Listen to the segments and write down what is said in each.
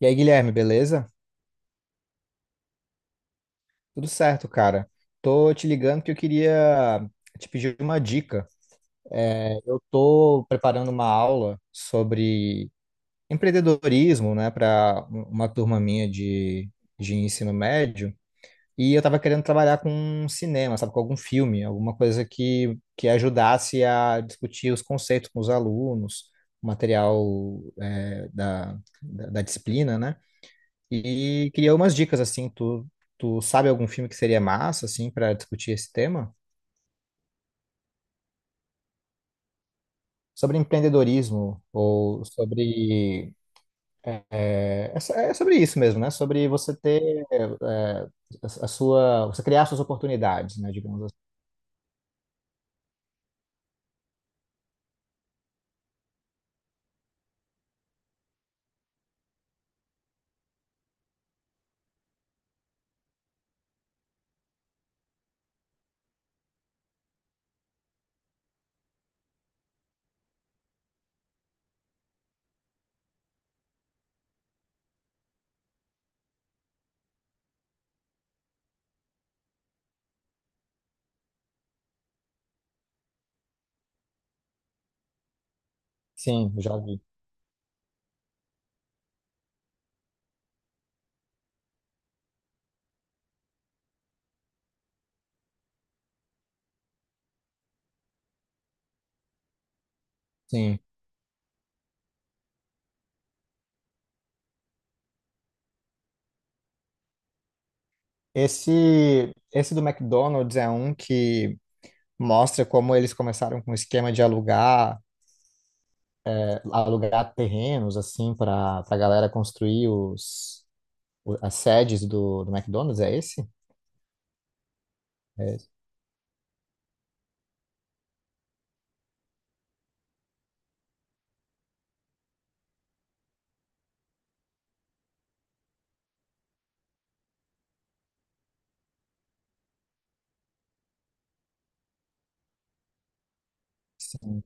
E aí, Guilherme, beleza? Tudo certo, cara. Tô te ligando que eu queria te pedir uma dica. Eu tô preparando uma aula sobre empreendedorismo, né, para uma turma minha de ensino médio. E eu tava querendo trabalhar com cinema, sabe, com algum filme, alguma coisa que ajudasse a discutir os conceitos com os alunos, o material, da, da disciplina, né? E queria umas dicas assim, tu sabe algum filme que seria massa assim para discutir esse tema? Sobre empreendedorismo ou sobre é sobre isso mesmo, né? Sobre você ter a sua, você criar suas oportunidades, né? Digamos assim. Sim, eu já vi. Sim. Esse do McDonald's é um que mostra como eles começaram com o esquema de alugar terrenos assim para a galera construir as sedes do McDonald's, é esse? É, sim.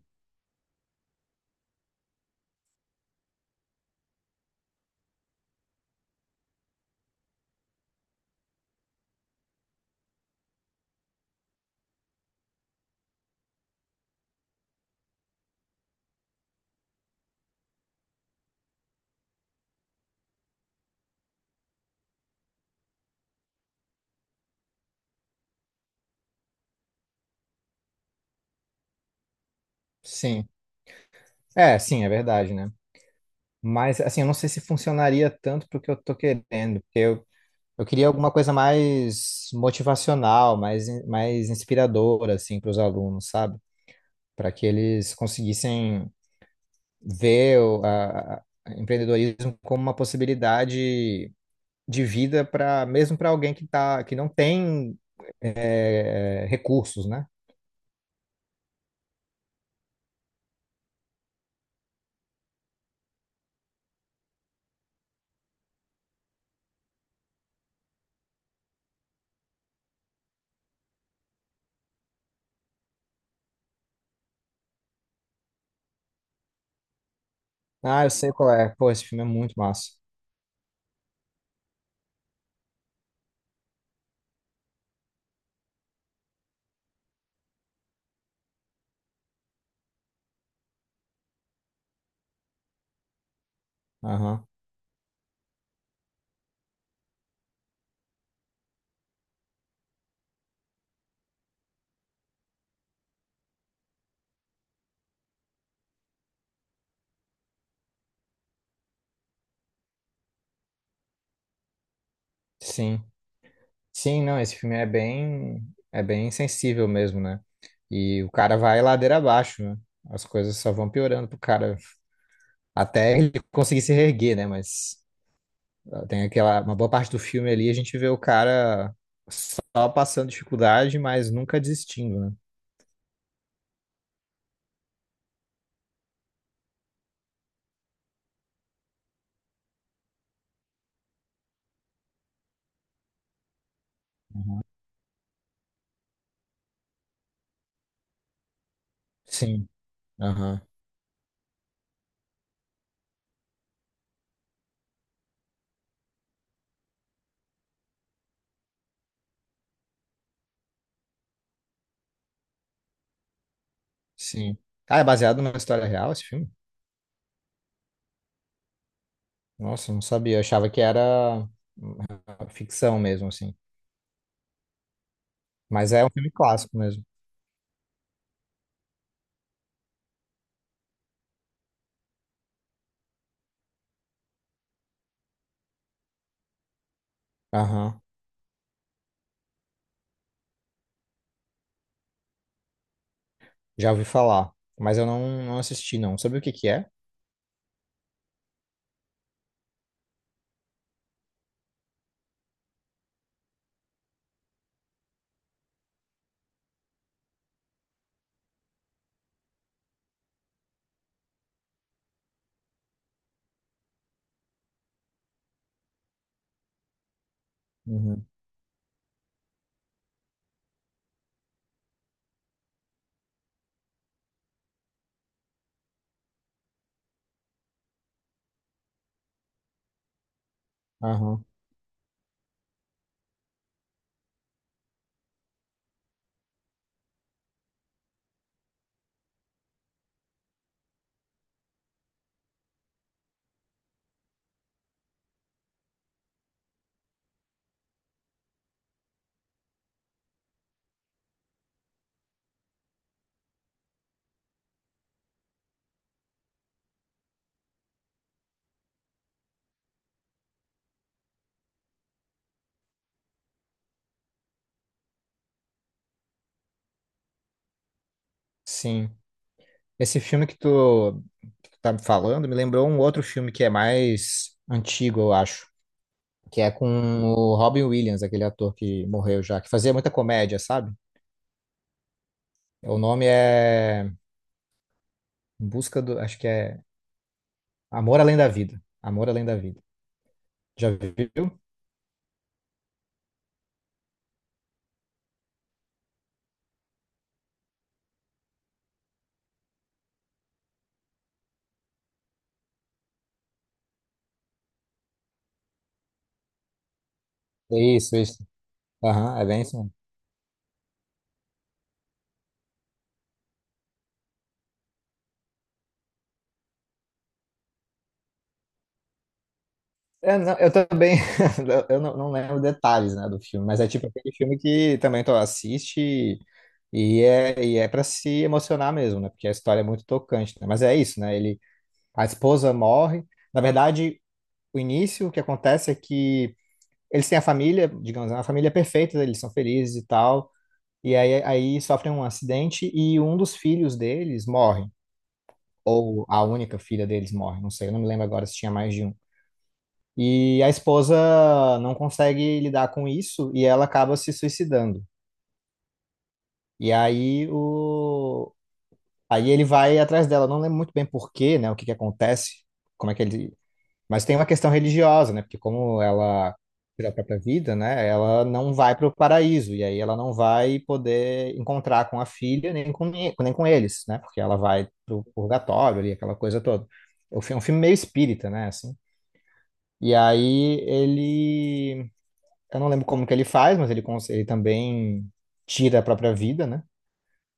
Sim. É, sim, é verdade, né? Mas, assim, eu não sei se funcionaria tanto porque eu tô querendo, eu queria alguma coisa mais motivacional, mais inspiradora, assim, para os alunos, sabe? Para que eles conseguissem ver a empreendedorismo como uma possibilidade de vida para mesmo para alguém que tá, que não tem recursos, né? Ah, eu sei qual é. Pô, esse filme é muito massa. Aham. Sim. Sim, não, esse filme é bem sensível mesmo, né? E o cara vai ladeira abaixo, né? As coisas só vão piorando pro cara até ele conseguir se reerguer, né? Mas tem aquela uma boa parte do filme ali a gente vê o cara só passando dificuldade, mas nunca desistindo, né? Sim. Aham. Sim. Ah, é baseado numa história real esse filme? Nossa, não sabia, eu achava que era ficção mesmo assim. Mas é um filme clássico mesmo. Aham. Já ouvi falar, mas eu não, não assisti, não. Sabe o que que é? Uhum. Aham. Sim. Esse filme que tu tá me falando me lembrou um outro filme que é mais antigo, eu acho. Que é com o Robin Williams, aquele ator que morreu já, que fazia muita comédia, sabe? O nome é Em Busca do. Acho que é Amor Além da Vida. Amor Além da Vida. Já viu? Isso, isso. Aham, é bem isso. É, não, eu também, eu não, não lembro detalhes, né, do filme, mas é tipo aquele filme que também tu assiste e e é para se emocionar mesmo, né, porque a história é muito tocante, né, mas é isso, né, ele, a esposa morre, na verdade, o início, o que acontece é que eles têm a família, digamos, a família perfeita, eles são felizes e tal, aí sofrem um acidente e um dos filhos deles morre, ou a única filha deles morre, não sei, eu não me lembro agora se tinha mais de um. E a esposa não consegue lidar com isso e ela acaba se suicidando. E aí o Aí ele vai atrás dela, não lembro muito bem por quê, né, o que que acontece, como é que ele, mas tem uma questão religiosa, né, porque como ela tirou a própria vida, né, ela não vai para o paraíso e aí ela não vai poder encontrar com a filha nem com nem com eles, né, porque ela vai para o purgatório ali, aquela coisa toda. É um filme meio espírita, né, assim. E aí ele Eu não lembro como que ele faz, mas ele também tira a própria vida, né?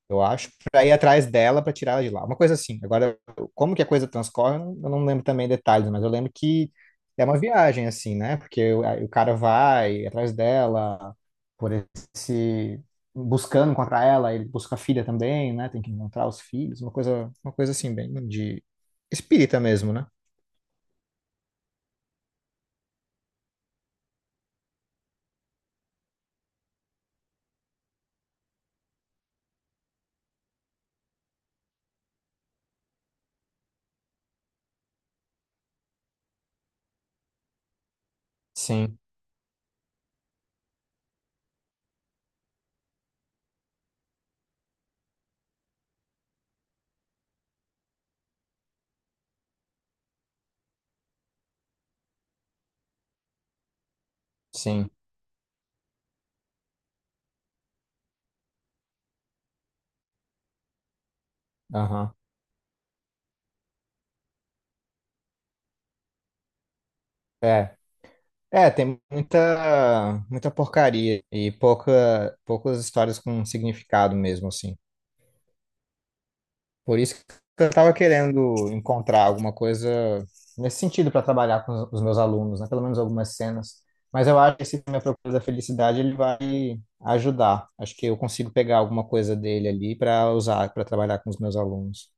Eu acho, pra ir atrás dela, pra tirar ela de lá. Uma coisa assim. Agora, como que a coisa transcorre, eu não lembro também detalhes, mas eu lembro que é uma viagem, assim, né? Porque o, aí o cara vai atrás dela, por esse... buscando encontrar ela, ele busca a filha também, né? Tem que encontrar os filhos, uma coisa assim, bem de espírita mesmo, né? Sim, sim. Aham. É, é, tem muita porcaria e poucas histórias com significado mesmo, assim. Por isso que eu tava querendo encontrar alguma coisa nesse sentido para trabalhar com os meus alunos, né? Pelo menos algumas cenas. Mas eu acho que esse Minha Procura da Felicidade ele vai ajudar. Acho que eu consigo pegar alguma coisa dele ali para usar, para trabalhar com os meus alunos.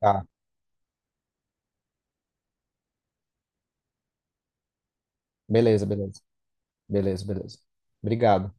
Tá, beleza, beleza, beleza, beleza. Obrigado.